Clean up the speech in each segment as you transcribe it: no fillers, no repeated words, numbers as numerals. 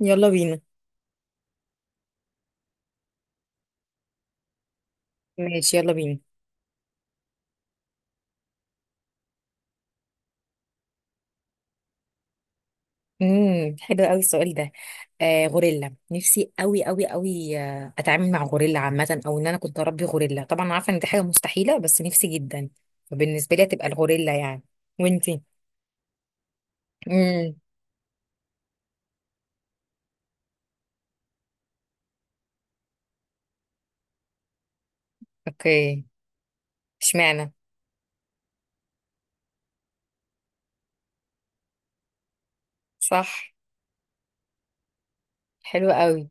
يلا بينا. ماشي، يلا بينا. حلو قوي السؤال ده. غوريلا، نفسي قوي قوي قوي. اتعامل مع غوريلا عامه، او ان انا كنت اربي غوريلا. طبعا أنا عارفه ان دي حاجه مستحيله، بس نفسي جدا. فبالنسبه لي هتبقى الغوريلا يعني. وانتي؟ امم. اوكي. اشمعنى؟ صح، حلو قوي.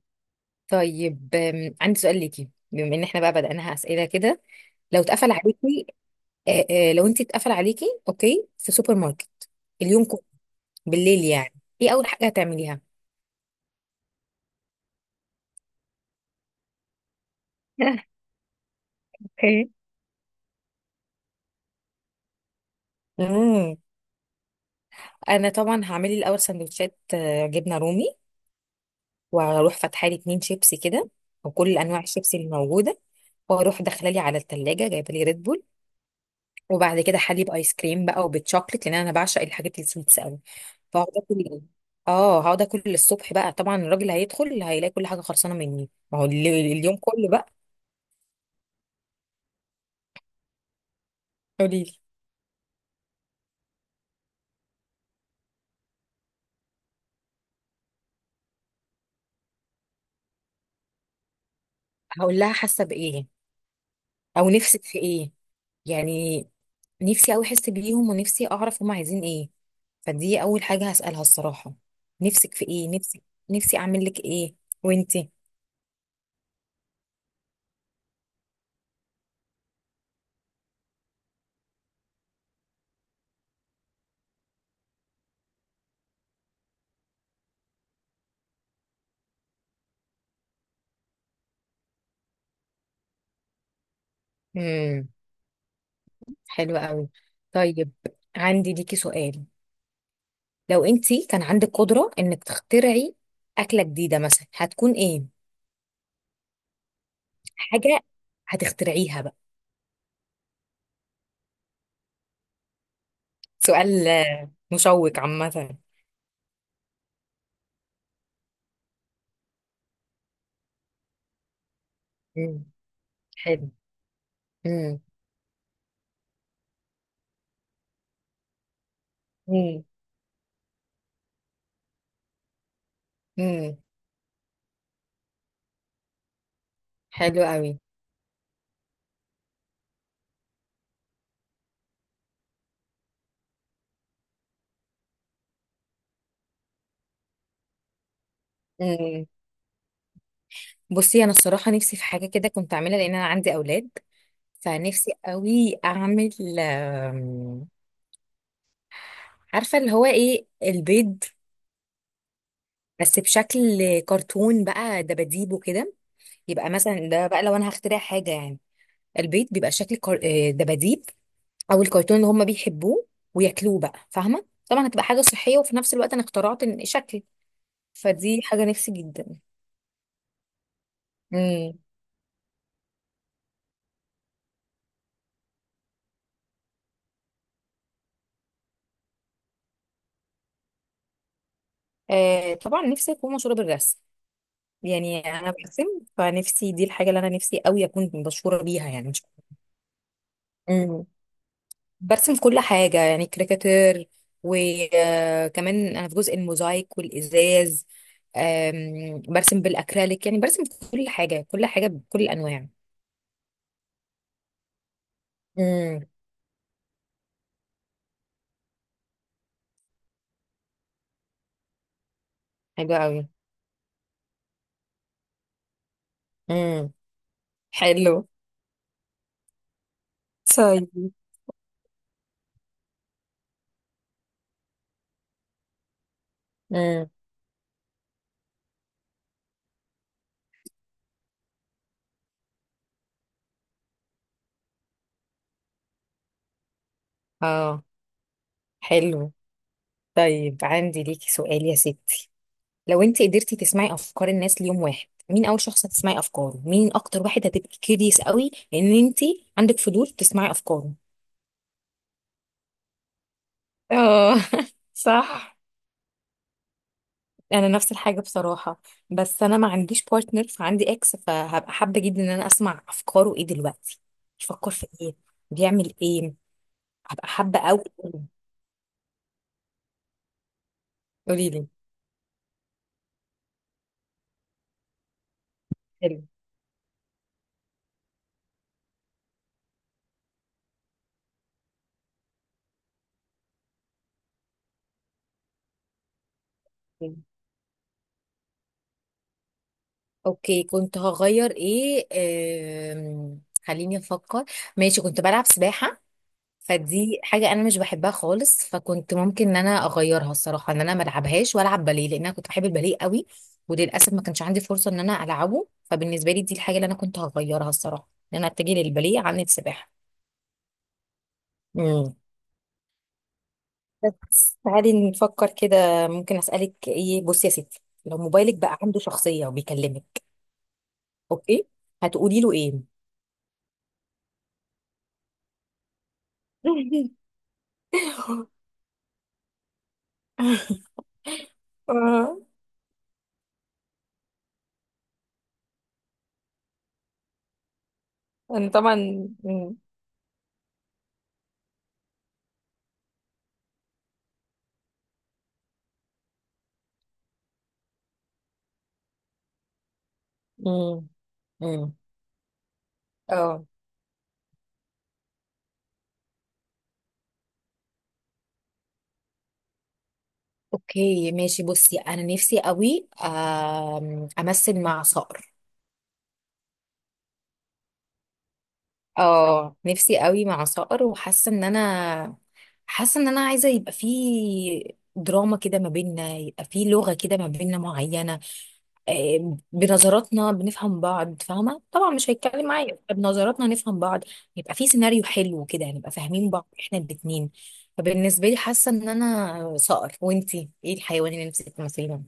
طيب، عندي سؤال ليكي بما ان احنا بقى بدأناها اسئله كده. لو اتقفل عليكي، لو انت اتقفل عليكي، اوكي، في سوبر ماركت اليوم كله، بالليل يعني، ايه اول حاجه هتعمليها؟ اوكي. امم. انا طبعا هعمل لي الاول سندوتشات، جبنه رومي، وهروح فاتحه لي اتنين شيبسي كده، وكل انواع الشيبسي اللي موجوده، واروح داخله لي على التلاجة جايبه لي ريد بول، وبعد كده حليب ايس كريم بقى وبالشوكليت، لان انا بعشق الحاجات السويتس قوي. فهقعد اكل. اه هقعد اكل للصبح بقى، طبعا الراجل هيدخل هيلاقي كل حاجه خلصانه مني، ما هو اليوم كله بقى. قولي لي. هقول لها حاسه بايه، او نفسك في ايه يعني. نفسي قوي احس بيهم، ونفسي اعرف هم عايزين ايه. فدي اول حاجه هسالها الصراحه: نفسك في ايه، نفسي اعمل لك ايه. وانتي؟ امم. حلوه قوي. طيب، عندي ليكي سؤال: لو انتي كان عندك قدره انك تخترعي اكله جديده مثلا، هتكون ايه؟ حاجه هتخترعيها بقى. سؤال مشوق عامه. امم. حلو. امم. امم. امم. حلو قوي. امم. بصي، انا الصراحه نفسي في حاجه كده كنت اعملها، لان انا عندي اولاد. فنفسي قوي اعمل، آم، عارفه اللي هو ايه، البيض، بس بشكل كرتون بقى، دباديب وكده. يبقى مثلا ده بقى لو انا هخترع حاجه يعني، البيض بيبقى شكل دباديب او الكرتون اللي هم بيحبوه وياكلوه بقى، فاهمه؟ طبعا هتبقى حاجه صحيه، وفي نفس الوقت انا اخترعت شكل. فدي حاجه نفسي جدا. امم. آه طبعا نفسي اكون مشهوره بالرسم. يعني انا برسم، فنفسي دي الحاجه اللي انا نفسي قوي اكون مشهوره بيها يعني. برسم كل حاجة، يعني كاريكاتير، وكمان أنا في جزء الموزايك والإزاز. برسم بالأكريليك، يعني برسم كل حاجة كل حاجة بكل الأنواع. امم. حلو أوي. امم. حلو. طيب. امم. اه. حلو. طيب، عندي ليكي سؤال يا ستي: لو انت قدرتي تسمعي افكار الناس ليوم واحد، مين اول شخص هتسمعي افكاره، مين اكتر واحد هتبقي كيريس قوي ان انت عندك فضول تسمعي افكاره؟ اه. صح. انا نفس الحاجه بصراحه، بس انا ما عنديش بارتنر فعندي اكس، فهبقى حابه جدا ان انا اسمع افكاره ايه دلوقتي، بيفكر في ايه، بيعمل ايه. هبقى حابه قوي. قولي لي. حلو. حلو. اوكي، كنت هغير ايه؟ خليني افكر. ماشي، كنت بلعب سباحه، فدي حاجة أنا مش بحبها خالص، فكنت ممكن إن أنا أغيرها الصراحة، إن أنا ما ألعبهاش وألعب باليه، لأن أنا كنت بحب الباليه قوي. وللأسف ما كانش عندي فرصة إن أنا ألعبه. فبالنسبة لي دي الحاجة اللي أنا كنت هغيرها الصراحة، إن أنا أتجه للباليه عن السباحة. امم. بس تعالي نفكر كده، ممكن أسألك إيه. بصي يا ستي، لو موبايلك بقى عنده شخصية وبيكلمك، أوكي، هتقولي له إيه؟ آه، أنا طبعا. مم. مم. مم. اه، اوكي، ماشي. بصي انا نفسي قوي، امثل مع صقر. اه، نفسي قوي مع صقر، وحاسه ان انا حاسه ان انا عايزه يبقى في دراما كده ما بيننا، يبقى في لغه كده ما بيننا معينه، بنظراتنا بنفهم بعض، فاهمه؟ طبعا مش هيتكلم معايا، يبقى بنظراتنا نفهم بعض، يبقى في سيناريو حلو كده نبقى فاهمين بعض احنا الاتنين. فبالنسبه لي حاسه ان انا صقر. وانتي، ايه الحيوان اللي نفسك تمثليه؟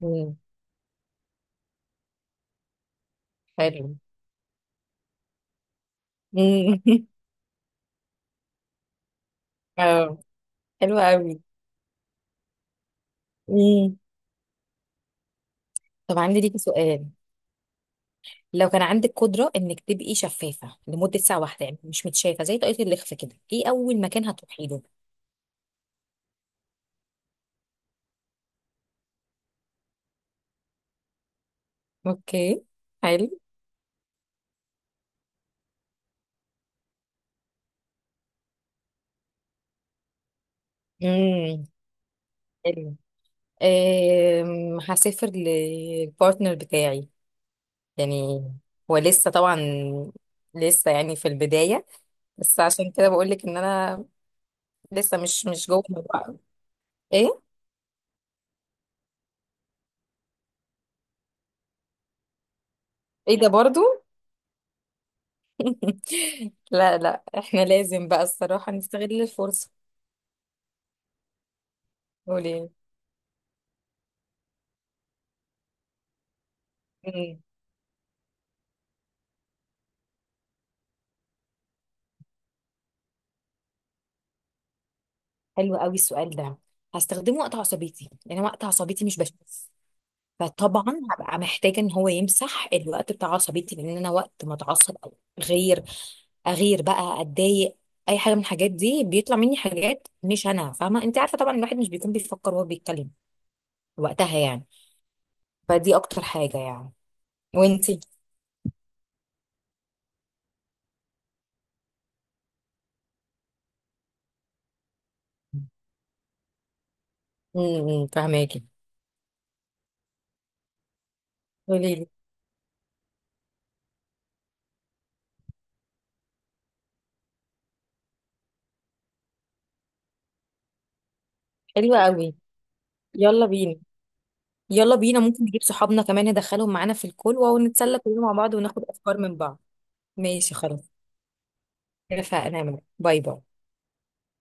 مم، حلو. اه، حلو قوي. امم. طب عندي ليكي سؤال: لو كان عندك قدرة انك تبقي شفافة لمدة ساعة واحدة، يعني مش متشافة زي طاقية الإخفاء كده، ايه اول مكان هتروحي له؟ اوكي. حلو. امم. حلو. هسافر للبارتنر بتاعي. يعني هو لسه طبعا، لسه يعني في البداية، بس عشان كده بقول لك ان انا لسه مش جوه الموضوع. ايه، ايه ده برضو؟ لا لا، احنا لازم بقى الصراحة نستغل الفرصة. قولي. مم. حلو قوي السؤال ده. هستخدمه وقت عصبيتي، لان وقت عصبيتي مش بشوف، فطبعا هبقى محتاجه ان هو يمسح الوقت بتاع عصبيتي، لان انا وقت ما اتعصب، او غير، اغير بقى، اتضايق، اي حاجه من الحاجات دي، بيطلع مني حاجات مش انا فاهمه. انت عارفه طبعا الواحد مش بيكون بيفكر وهو بيتكلم وقتها يعني. فدي اكتر حاجه يعني. وانتي؟ امم. فهماكي. قولي لي. حلوه قوي. يلا بينا. يلا بينا، ممكن نجيب صحابنا كمان ندخلهم معانا في الكل، ونتسلى كلنا مع بعض، وناخد افكار من بعض. ماشي، خلاص، اتفقنا. باي باي.